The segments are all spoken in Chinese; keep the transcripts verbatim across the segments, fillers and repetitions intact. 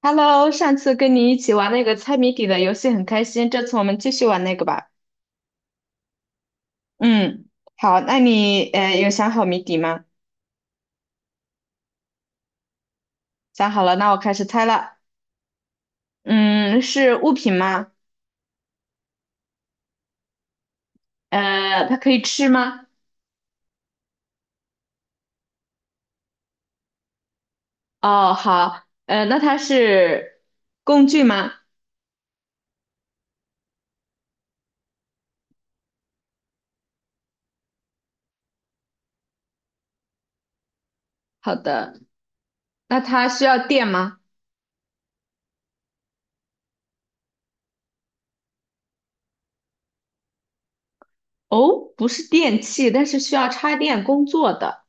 Hello，上次跟你一起玩那个猜谜底的游戏很开心，这次我们继续玩那个吧。嗯，好，那你呃有想好谜底吗？想好了，那我开始猜了。嗯，是物品吗？呃，它可以吃吗？哦，好，呃，那它是工具吗？好的，那它需要电吗？哦，不是电器，但是需要插电工作的。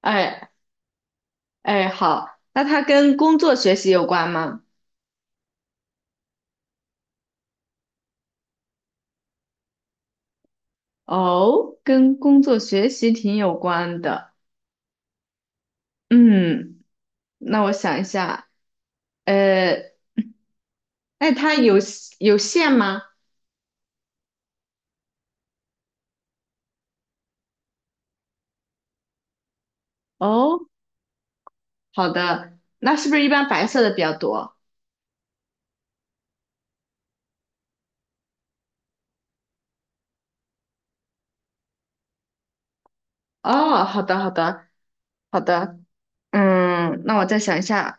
哎哎，好，那它跟工作学习有关吗？哦，跟工作学习挺有关的。嗯，那我想一下，呃，那它有有线吗？哦，好的，那是不是一般白色的比较多？哦，好的，好的，好的。嗯，那我再想一下，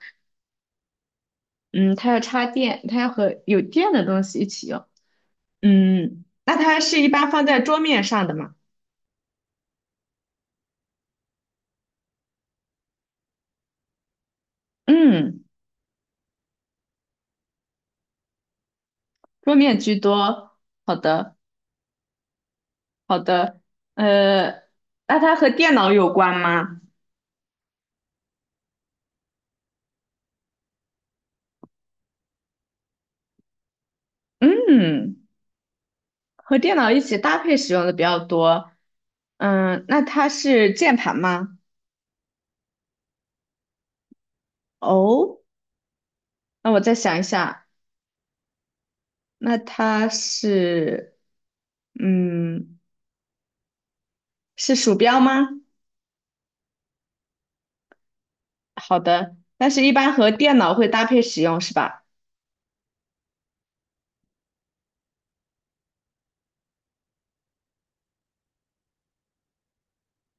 嗯，它要插电，它要和有电的东西一起用。嗯，那它是一般放在桌面上的吗？嗯，桌面居多。好的。好的，呃，那它和电脑有关吗？嗯，和电脑一起搭配使用的比较多。嗯，那它是键盘吗？哦，那我再想一下，那它是，嗯，是鼠标吗？好的，但是一般和电脑会搭配使用是吧？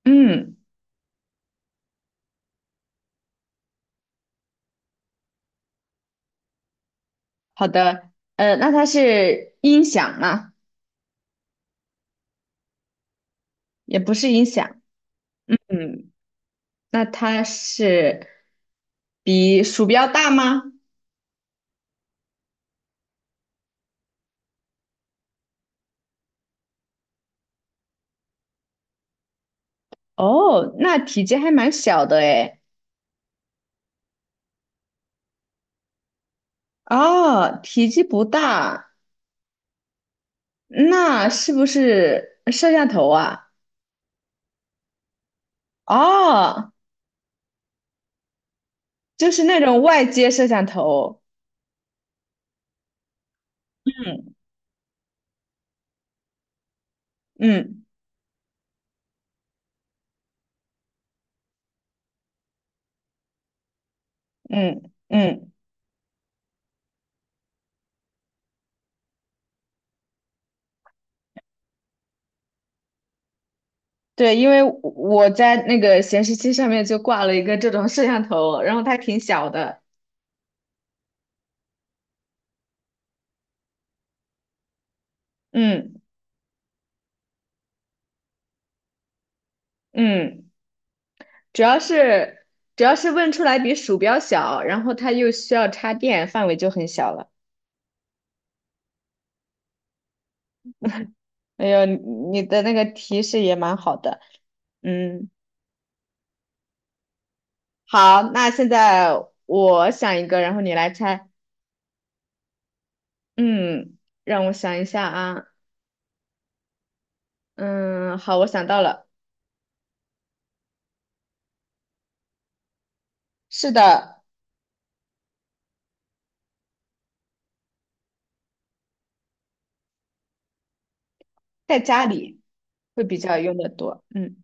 嗯，好的，呃，那它是音响吗？也不是音响。嗯。那它是比鼠标大吗？哦，那体积还蛮小的诶。哦，体积不大，那是不是摄像头啊？哦，就是那种外接摄像头。嗯嗯嗯，嗯，对，因为我我在那个显示器上面就挂了一个这种摄像头，然后它挺小的。嗯嗯。主要是主要是问出来比鼠标小，然后它又需要插电，范围就很小了。哎呦，你你的那个提示也蛮好的。嗯，好，那现在我想一个，然后你来猜。嗯，让我想一下啊。嗯，好，我想到了，是的，在家里会比较用的多。嗯，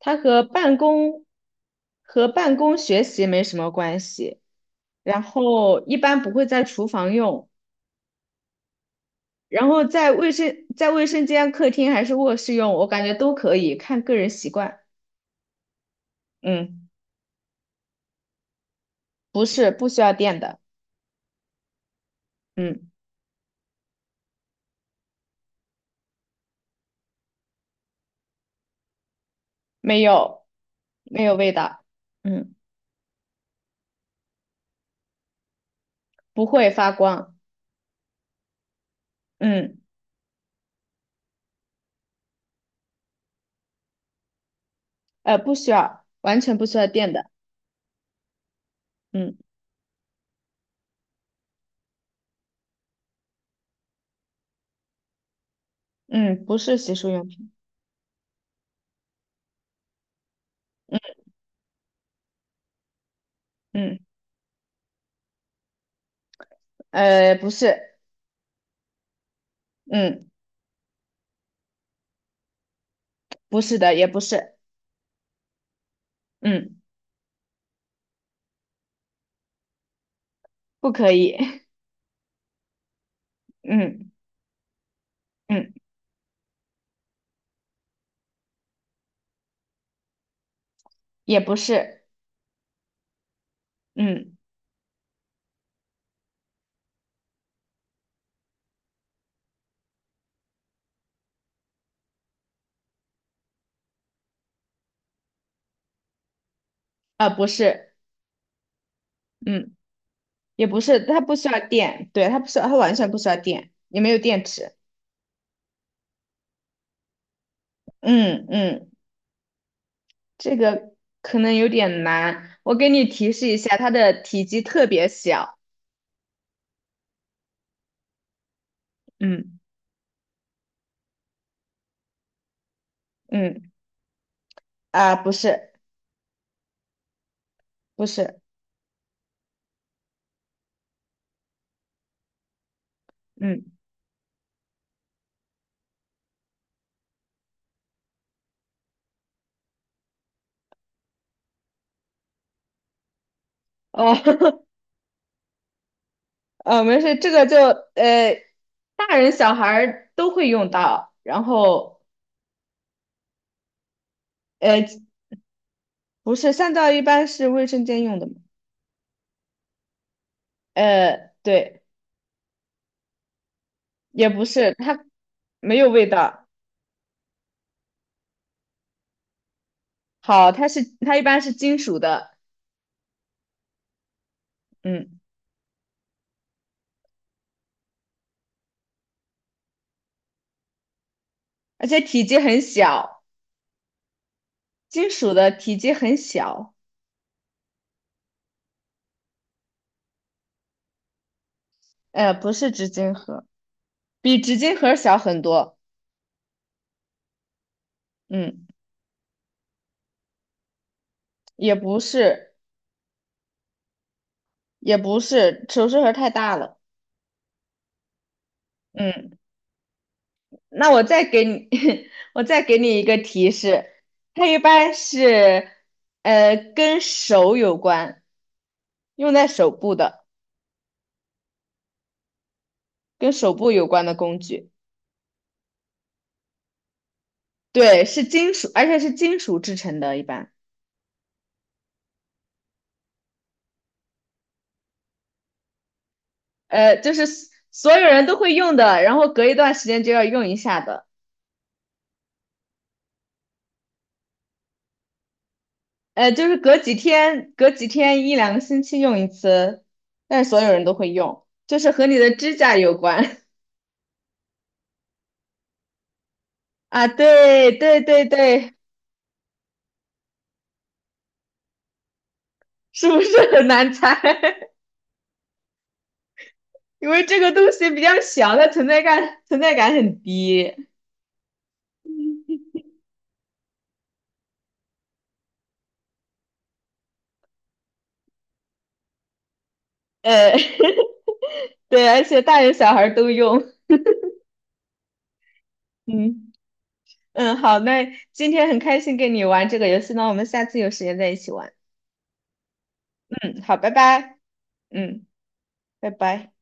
它和办公和办公学习没什么关系，然后一般不会在厨房用。然后在卫生在卫生间、客厅还是卧室用，我感觉都可以，看个人习惯。嗯，不是不需要电的，嗯，没有没有味道，嗯，不会发光，嗯，呃，不需要，完全不需要电的，嗯嗯，不是洗漱用品，嗯嗯，呃，不是，嗯，不是的，也不是，嗯，不可以，嗯嗯，也不是，嗯啊，不是，嗯。也不是，它不需要电，对，它不需要，它完全不需要电，也没有电池。嗯嗯，这个可能有点难，我给你提示一下，它的体积特别小。嗯嗯，啊、不是不是，嗯哦 呃，没事，这个就呃，大人小孩儿都会用到，然后呃，不是香皂一般是卫生间用的嘛？呃，对，也不是，它没有味道。好，它是它一般是金属的。嗯，而且体积很小，金属的体积很小，呃，不是纸巾盒，比纸巾盒小很多。嗯，也不是，也不是，首饰盒太大了。嗯，那我再给你，我再给你一个提示，它一般是，呃，跟手有关，用在手部的，跟手部有关的工具。对，是金属，而且是金属制成的，一般。呃，就是所有人都会用的，然后隔一段时间就要用一下的，呃，就是隔几天，隔几天一两个星期用一次，但是所有人都会用，就是和你的指甲有关 啊，对对对对，是不是很难猜？因为这个东西比较小，它存在感存在感很低，呃，对，而且大人小孩儿都用，嗯嗯，好，那今天很开心跟你玩这个游戏，那我们下次有时间再一起玩，嗯，好，拜拜。嗯，拜拜。